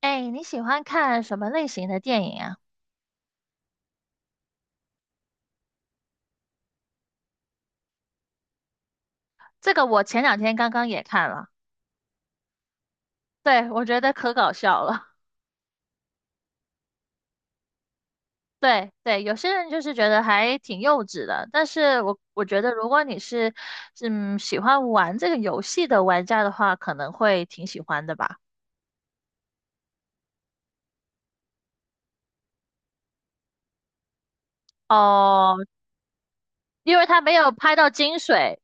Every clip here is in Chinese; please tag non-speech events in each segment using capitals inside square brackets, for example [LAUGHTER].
哎，你喜欢看什么类型的电影啊？这个我前两天刚刚也看了，对，我觉得可搞笑了。[LAUGHS] 对对，有些人就是觉得还挺幼稚的，但是我觉得如果你是喜欢玩这个游戏的玩家的话，可能会挺喜欢的吧。哦，因为他没有拍到精髓，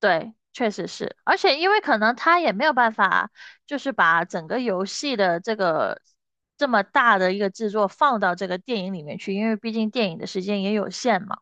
对，确实是，而且因为可能他也没有办法，就是把整个游戏的这个这么大的一个制作放到这个电影里面去，因为毕竟电影的时间也有限嘛。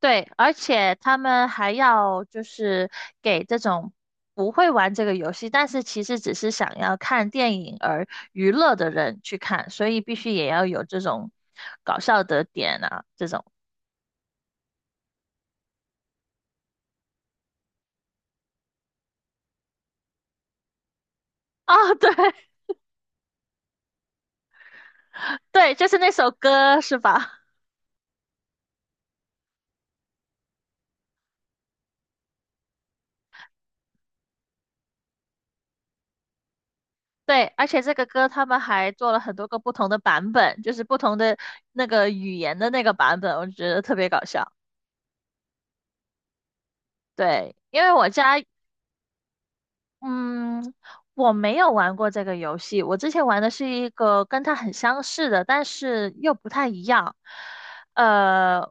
对，而且他们还要就是给这种不会玩这个游戏，但是其实只是想要看电影而娱乐的人去看，所以必须也要有这种搞笑的点啊，这种。哦，对 [LAUGHS] 对，就是那首歌是吧？对，而且这个歌他们还做了很多个不同的版本，就是不同的那个语言的那个版本，我觉得特别搞笑。对，因为我家嗯，我没有玩过这个游戏，我之前玩的是一个跟它很相似的，但是又不太一样。呃，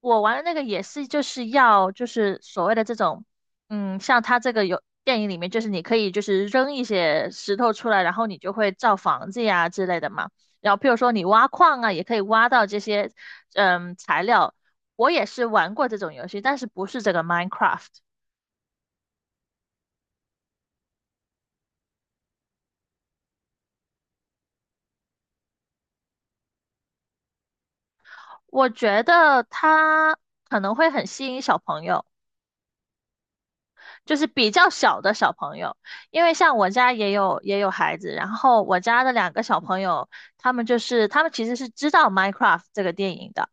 我玩的那个也是就是要就是所谓的这种，嗯，像它这个有电影里面就是你可以就是扔一些石头出来，然后你就会造房子呀之类的嘛。然后譬如说你挖矿啊，也可以挖到这些嗯材料。我也是玩过这种游戏，但是不是这个 Minecraft。我觉得它可能会很吸引小朋友，就是比较小的小朋友，因为像我家也有孩子，然后我家的两个小朋友，他们就是他们其实是知道《Minecraft》这个电影的，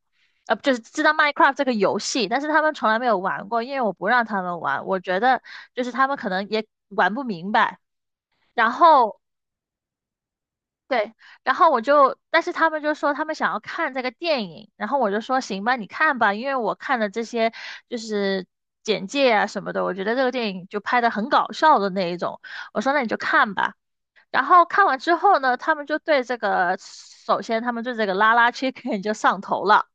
就是知道《Minecraft》这个游戏，但是他们从来没有玩过，因为我不让他们玩，我觉得就是他们可能也玩不明白。然后对，然后我就，但是他们就说他们想要看这个电影，然后我就说行吧，你看吧，因为我看了这些就是简介啊什么的，我觉得这个电影就拍的很搞笑的那一种，我说那你就看吧。然后看完之后呢，他们就对这个，首先他们对这个拉拉 chicken 就上头了。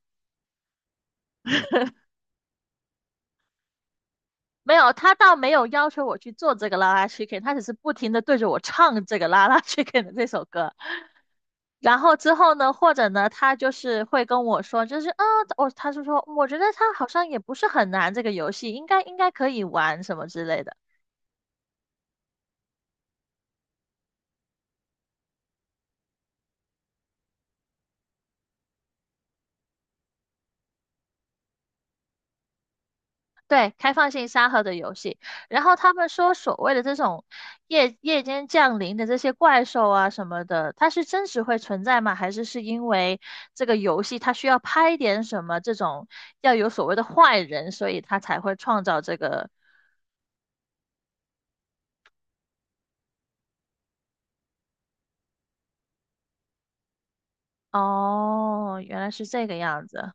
没有，他倒没有要求我去做这个拉拉 chicken，他只是不停的对着我唱这个拉拉 chicken 的这首歌。然后之后呢，或者呢，他就是会跟我说，就是啊，我、他就说，我觉得他好像也不是很难，这个游戏应该可以玩什么之类的。对，开放性沙盒的游戏。然后他们说，所谓的这种夜间降临的这些怪兽啊什么的，它是真实会存在吗？还是是因为这个游戏它需要拍点什么这种要有所谓的坏人，所以它才会创造这个？哦，原来是这个样子。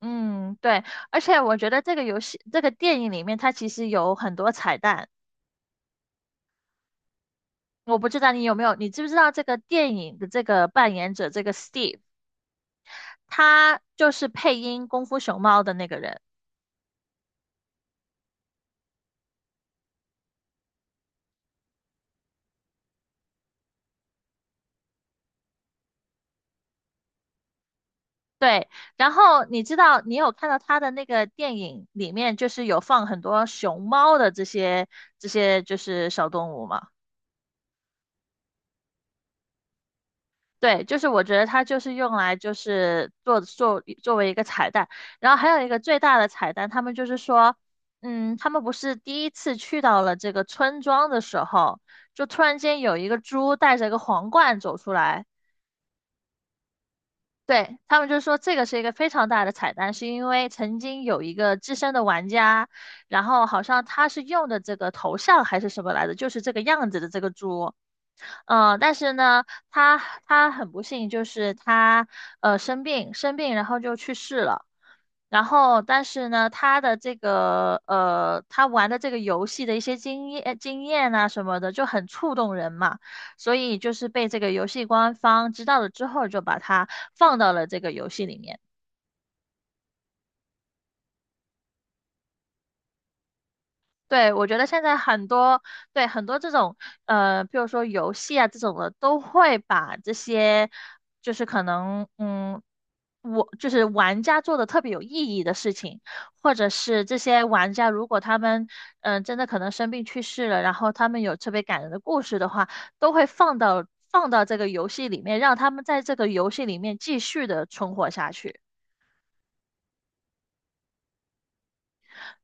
嗯，对，而且我觉得这个游戏、这个电影里面，它其实有很多彩蛋。我不知道你有没有，你知不知道这个电影的这个扮演者，这个 Steve，他就是配音《功夫熊猫》的那个人。对，然后你知道，你有看到他的那个电影里面，就是有放很多熊猫的这些这些就是小动物吗？对，就是我觉得它就是用来就是做作为一个彩蛋，然后还有一个最大的彩蛋，他们就是说，嗯，他们不是第一次去到了这个村庄的时候，就突然间有一个猪带着一个皇冠走出来，对，他们就说这个是一个非常大的彩蛋，是因为曾经有一个资深的玩家，然后好像他是用的这个头像还是什么来着，就是这个样子的这个猪。嗯，但是呢，他他很不幸，就是他生病，然后就去世了。然后，但是呢，他的这个他玩的这个游戏的一些经验啊什么的，就很触动人嘛。所以就是被这个游戏官方知道了之后，就把他放到了这个游戏里面。对，我觉得现在很多，对，很多这种，比如说游戏啊这种的，都会把这些，就是可能，嗯，我就是玩家做的特别有意义的事情，或者是这些玩家如果他们，嗯、真的可能生病去世了，然后他们有特别感人的故事的话，都会放到这个游戏里面，让他们在这个游戏里面继续的存活下去。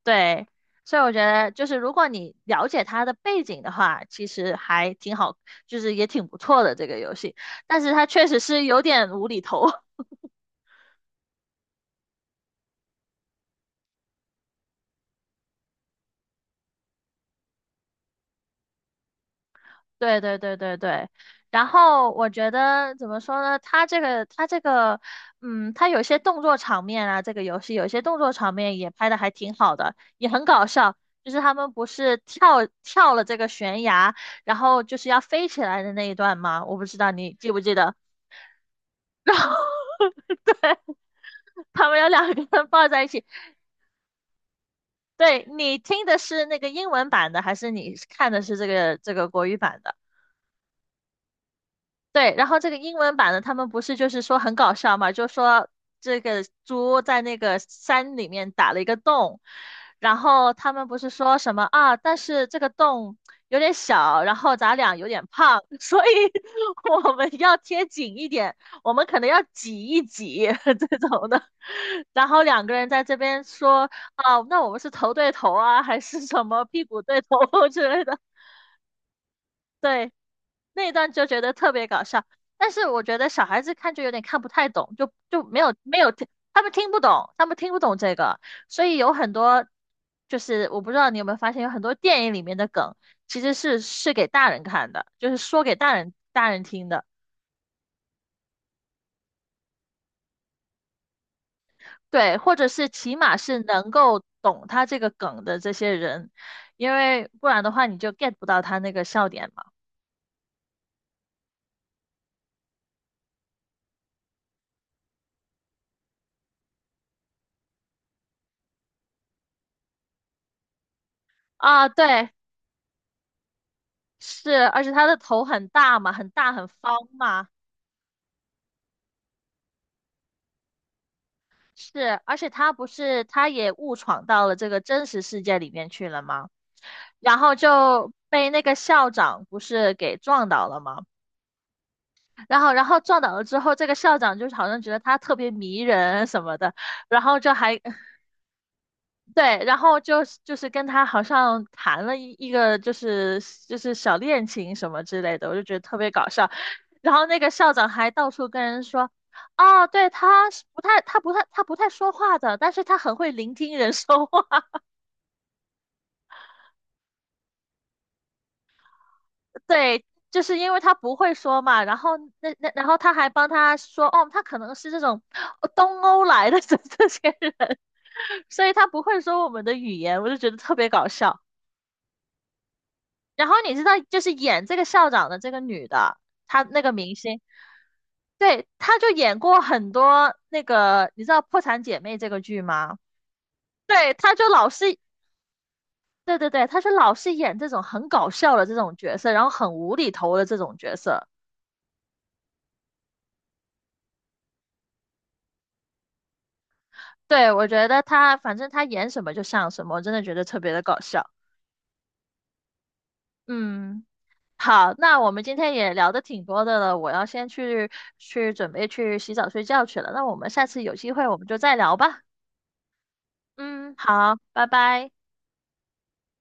对，所以我觉得就是如果你了解它的背景的话，其实还挺好，就是也挺不错的这个游戏。但是它确实是有点无厘头。[LAUGHS] 对对对对对。然后我觉得怎么说呢？它这个它这个，嗯，它有些动作场面啊，这个游戏有些动作场面也拍的还挺好的，也很搞笑。就是他们不是跳了这个悬崖，然后就是要飞起来的那一段吗？我不知道你记不记得。然后 [LAUGHS] 对，他们有两个人抱在一起。对，你听的是那个英文版的，还是你看的是这个国语版的？对，然后这个英文版的他们不是就是说很搞笑嘛，就说这个猪在那个山里面打了一个洞，然后他们不是说什么啊，但是这个洞有点小，然后咱俩有点胖，所以 [LAUGHS] 我们要贴紧一点，我们可能要挤一挤 [LAUGHS] 这种的。然后两个人在这边说啊，那我们是头对头啊，还是什么屁股对头 [LAUGHS] 之类的。对，那一段就觉得特别搞笑。但是我觉得小孩子看就有点看不太懂，就没有听，他们听不懂，他们听不懂这个，所以有很多就是我不知道你有没有发现，有很多电影里面的梗其实是给大人看的，就是说给大人听的，对，或者是起码是能够懂他这个梗的这些人，因为不然的话你就 get 不到他那个笑点嘛。啊，对，是，而且他的头很大嘛，很大很方嘛。是，而且他不是，他也误闯到了这个真实世界里面去了吗？然后就被那个校长不是给撞倒了吗？然后，然后撞倒了之后，这个校长就是好像觉得他特别迷人什么的，然后就还 [LAUGHS] 对，然后就就是跟他好像谈了一个就是就是小恋情什么之类的，我就觉得特别搞笑。然后那个校长还到处跟人说。哦，对，他是不太，他不太，他不太说话的，但是他很会聆听人说话。对，就是因为他不会说嘛，然后那然后他还帮他说，哦，他可能是这种东欧来的这些人，[LAUGHS] 所以他不会说我们的语言，我就觉得特别搞笑。然后你知道，就是演这个校长的这个女的，她那个明星，对，她就演过很多那个，你知道《破产姐妹》这个剧吗？对，她就老是，对对对，她是老是演这种很搞笑的这种角色，然后很无厘头的这种角色。对，我觉得他反正他演什么就像什么，我真的觉得特别的搞笑。嗯，好，那我们今天也聊的挺多的了，我要先去去准备去洗澡睡觉去了。那我们下次有机会我们就再聊吧。嗯，好，拜拜。